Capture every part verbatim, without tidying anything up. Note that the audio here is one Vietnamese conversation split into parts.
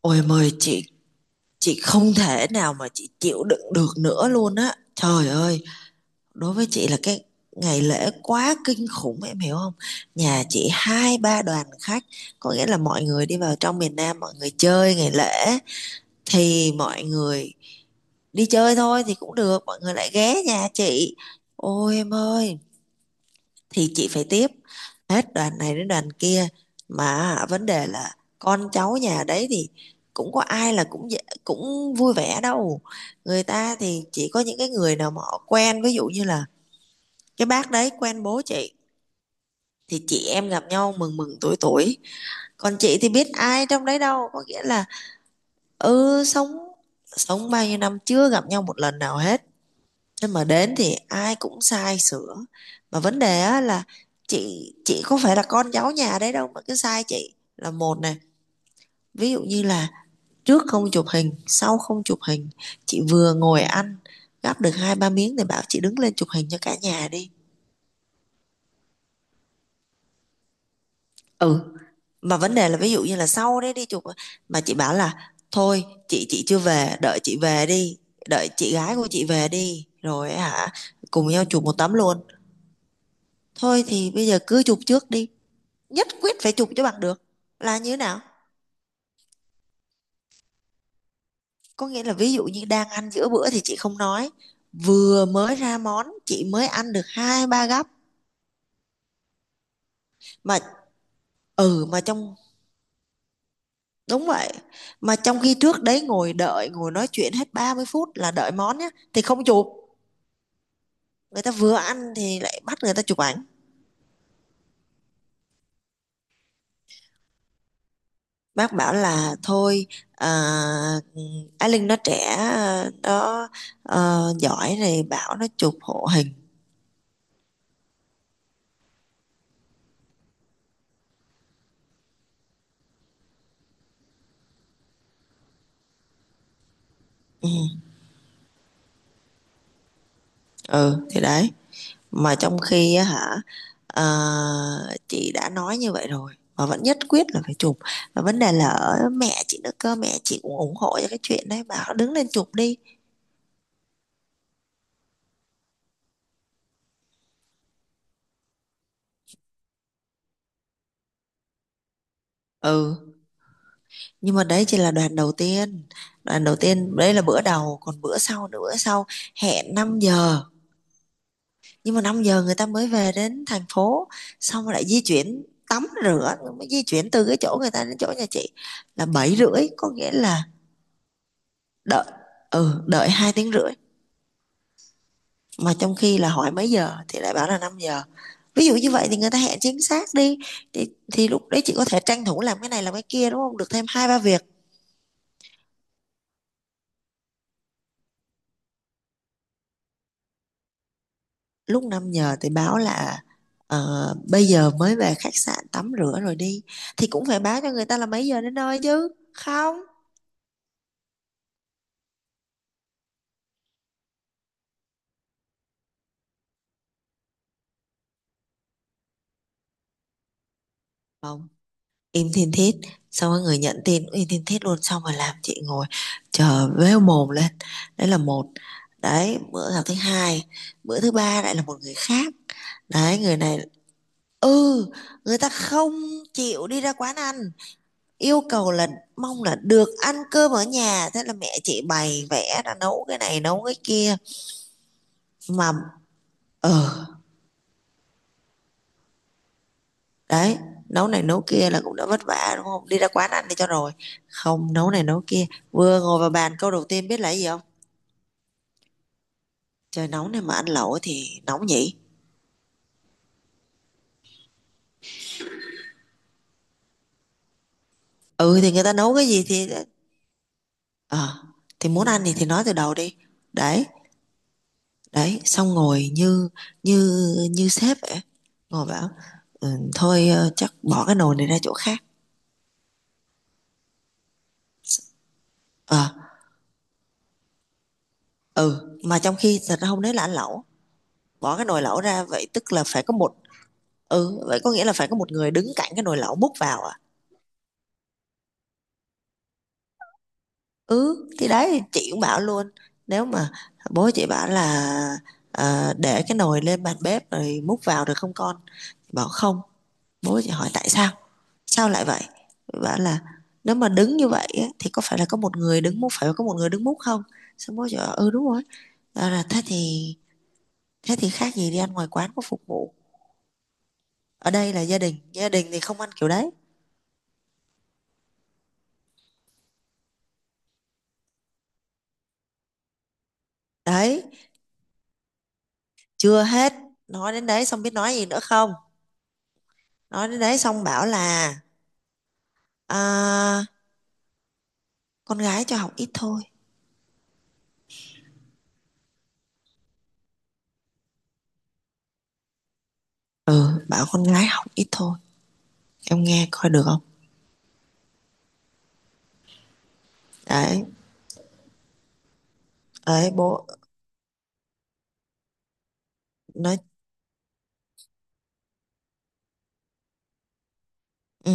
Ôi, mời chị chị không thể nào mà chị chịu đựng được nữa luôn á. Trời ơi, đối với chị là cái ngày lễ quá kinh khủng, em hiểu không? Nhà chị hai ba đoàn khách, có nghĩa là mọi người đi vào trong miền Nam, mọi người chơi ngày lễ thì mọi người đi chơi thôi thì cũng được, mọi người lại ghé nhà chị. Ôi em ơi, thì chị phải tiếp hết đoàn này đến đoàn kia, mà vấn đề là con cháu nhà đấy thì cũng có ai là cũng dễ- cũng vui vẻ đâu. Người ta thì chỉ có những cái người nào mà họ quen, ví dụ như là cái bác đấy quen bố chị thì chị em gặp nhau mừng mừng tuổi tuổi, còn chị thì biết ai trong đấy đâu. Có nghĩa là ừ, sống sống bao nhiêu năm chưa gặp nhau một lần nào hết, nên mà đến thì ai cũng sai sửa. Mà vấn đề á là chị chị có phải là con cháu nhà đấy đâu mà cứ sai chị, là một này, ví dụ như là trước không chụp hình sau không chụp hình, chị vừa ngồi ăn gắp được hai ba miếng thì bảo chị đứng lên chụp hình cho cả nhà đi. Ừ, mà vấn đề là ví dụ như là sau đấy đi chụp, mà chị bảo là thôi, chị chị chưa về, đợi chị về đi, đợi chị gái của chị về đi rồi hả cùng nhau chụp một tấm luôn. Thôi thì bây giờ cứ chụp trước đi, nhất quyết phải chụp cho bằng được là như thế nào. Có nghĩa là ví dụ như đang ăn giữa bữa thì chị không nói, vừa mới ra món chị mới ăn được hai ba gắp mà. Ừ, mà trong đúng vậy, mà trong khi trước đấy ngồi đợi ngồi nói chuyện hết ba mươi phút là đợi món nhá thì không chụp, người ta vừa ăn thì lại bắt người ta chụp ảnh. Bác bảo là thôi, à, Á Linh nó trẻ, nó, ờ, giỏi này, bảo nó chụp hộ hình. Ừ, ừ thì đấy. Mà trong khi á hả, ờ, chị đã nói như vậy rồi mà vẫn nhất quyết là phải chụp. Và vấn đề là ở mẹ chị nữa cơ, mẹ chị cũng ủng hộ cho cái chuyện đấy, bảo đứng lên chụp đi. Ừ, nhưng mà đấy chỉ là đoàn đầu tiên. Đoàn đầu tiên, đấy là bữa đầu, còn bữa sau nữa, bữa sau hẹn năm giờ. Nhưng mà năm giờ người ta mới về đến thành phố, xong rồi lại di chuyển tắm rửa, mới di chuyển từ cái chỗ người ta đến chỗ nhà chị là bảy rưỡi, có nghĩa là đợi, ừ, đợi hai tiếng rưỡi. Mà trong khi là hỏi mấy giờ thì lại bảo là năm giờ, ví dụ như vậy thì người ta hẹn chính xác đi, thì, thì lúc đấy chị có thể tranh thủ làm cái này làm cái kia, đúng không, được thêm hai ba việc. Lúc năm giờ thì báo là ờ, bây giờ mới về khách sạn tắm rửa rồi đi, thì cũng phải báo cho người ta là mấy giờ đến nơi chứ không không im thiên thiết, xong rồi người nhận tin im thiên thiết luôn, xong rồi làm chị ngồi chờ véo mồm lên. Đấy là một, đấy bữa là thứ hai. Bữa thứ ba lại là một người khác. Đấy người này, ừ, người ta không chịu đi ra quán ăn, yêu cầu là mong là được ăn cơm ở nhà, thế là mẹ chị bày vẽ ra nấu cái này nấu cái kia mà. ờ đấy, nấu này nấu kia là cũng đã vất vả, đúng không, đi ra quán ăn đi cho rồi, không nấu này nấu kia. Vừa ngồi vào bàn câu đầu tiên biết là gì không: trời nóng này mà ăn lẩu thì nóng nhỉ. Ừ thì người ta nấu cái gì thì ờ thì muốn ăn thì thì nói từ đầu đi. Đấy, đấy, xong ngồi như như như sếp vậy, ngồi bảo ừ, thôi, ờ, chắc bỏ cái nồi này ra chỗ khác. ờ ừ, mà trong khi thật ra hôm đấy là ăn lẩu, bỏ cái nồi lẩu ra vậy tức là phải có một, ừ, vậy có nghĩa là phải có một người đứng cạnh cái nồi lẩu múc vào à. Ừ thì đấy chị cũng bảo luôn, nếu mà bố chị bảo là ờ, để cái nồi lên bàn bếp rồi múc vào được không con, bảo không. Bố chị hỏi tại sao, sao lại vậy. Bảo là nếu mà đứng như vậy á, thì có phải là có một người đứng múc, phải có một người đứng múc không. Xong bố chị bảo ừ đúng rồi. Bảo là thế thì thế thì khác gì đi ăn ngoài quán có phục vụ, ở đây là gia đình, gia đình thì không ăn kiểu đấy. Đấy chưa hết, nói đến đấy xong biết nói gì nữa không, nói đến đấy xong bảo là à, con gái cho học ít thôi. Ừ, bảo con gái học ít thôi, em nghe coi được không. Đấy, đấy bố nói. Ừ,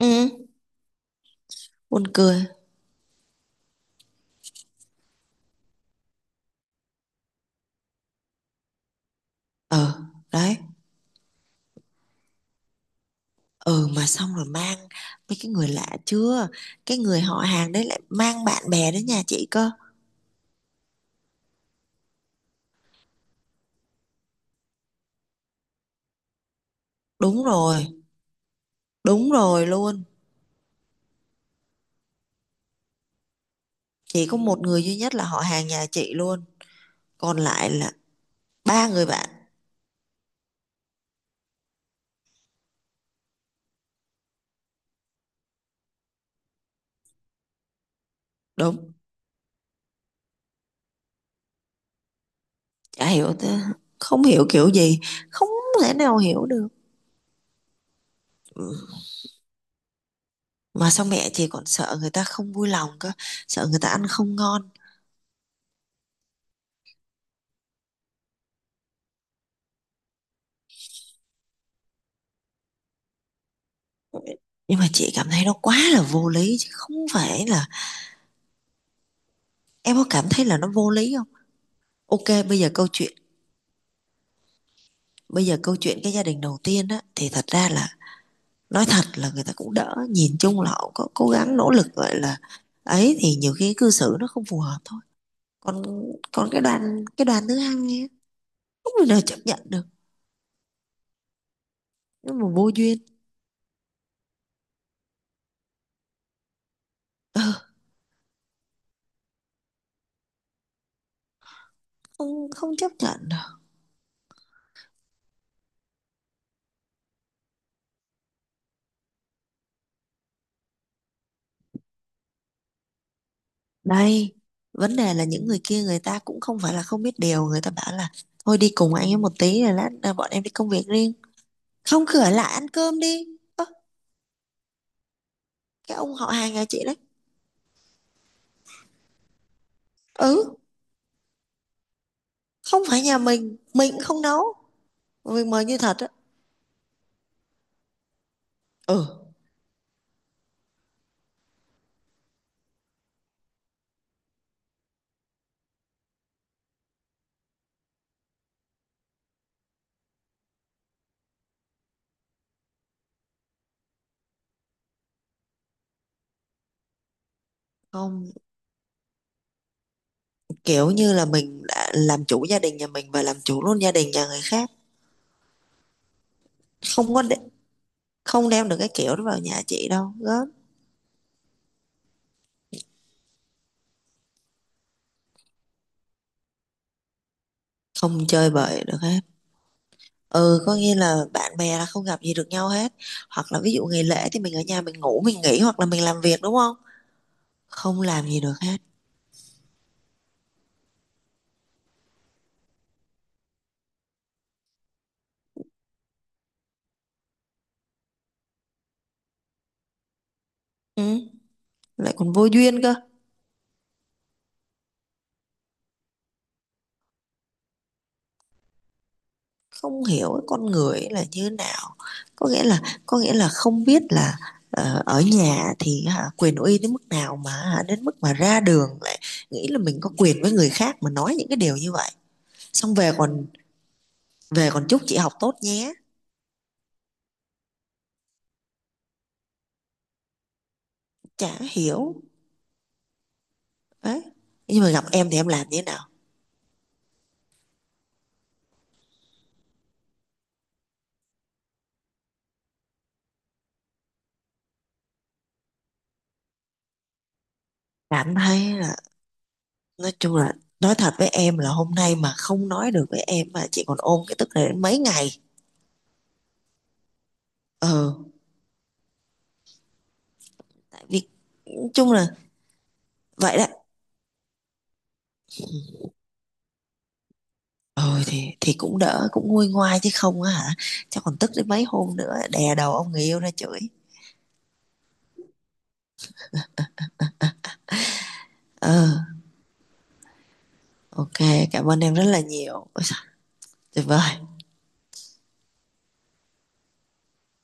ừ, buồn cười. Ừ đấy, ừ mà xong rồi mang mấy cái người lạ chưa, cái người họ hàng đấy lại mang bạn bè đến nhà chị cơ. Đúng rồi, đúng rồi luôn. Chỉ có một người duy nhất là họ hàng nhà chị luôn. Còn lại là ba người bạn. Đúng. Chả hiểu thế. Không hiểu kiểu gì. Không thể nào hiểu được. Ừ. Mà sao mẹ chị còn sợ người ta không vui lòng cơ. Sợ người ta ăn không ngon. Nhưng mà chị cảm thấy nó quá là vô lý. Chứ không phải là. Em có cảm thấy là nó vô lý không? Ok, bây giờ câu chuyện. Bây giờ câu chuyện cái gia đình đầu tiên á. Thì thật ra là nói thật là người ta cũng đỡ, nhìn chung là họ có cố gắng nỗ lực gọi là ấy, thì nhiều khi cư xử nó không phù hợp thôi. Còn còn cái đoàn cái đoàn thứ hai á, không thể nào chấp nhận được, nhưng mà vô duyên. Ờ, không, không chấp nhận được. Đây, vấn đề là những người kia người ta cũng không phải là không biết điều, người ta bảo là thôi đi cùng anh ấy một tí rồi lát à, bọn em đi công việc riêng, không, cửa lại ăn cơm đi. Ơ, cái ông họ hàng nhà chị đấy. Ừ, không phải nhà mình mình cũng không nấu, mình mời như thật á. Ừ, không, kiểu như là mình đã làm chủ gia đình nhà mình và làm chủ luôn gia đình nhà người khác. Không có để, không đem được cái kiểu đó vào nhà chị đâu gớm. Không chơi bời được hết, ừ, có nghĩa là bạn bè là không gặp gì được nhau hết, hoặc là ví dụ ngày lễ thì mình ở nhà mình ngủ mình nghỉ hoặc là mình làm việc đúng không, không làm gì được hết. Ừ. Lại còn vô duyên cơ. Không hiểu cái con người ấy là như thế nào, có nghĩa là có nghĩa là không biết là ờ, ở nhà thì hả, quyền uy đến mức nào mà hả, đến mức mà ra đường lại nghĩ là mình có quyền với người khác mà nói những cái điều như vậy. Xong về còn về còn chúc chị học tốt nhé. Chả hiểu. Đấy, nhưng mà gặp em thì em làm như thế nào. Cảm thấy là, nói chung là, nói thật với em là hôm nay mà không nói được với em mà chị còn ôm cái tức này đến mấy ngày. ờ tại vì nói chung là vậy đó. Ờ thì thì cũng đỡ cũng nguôi ngoai chứ không á hả. Chắc còn tức đến mấy hôm nữa đè đầu ông người yêu ra chửi. ờ ok, cảm ơn em rất là nhiều. Ôi trời, tuyệt vời.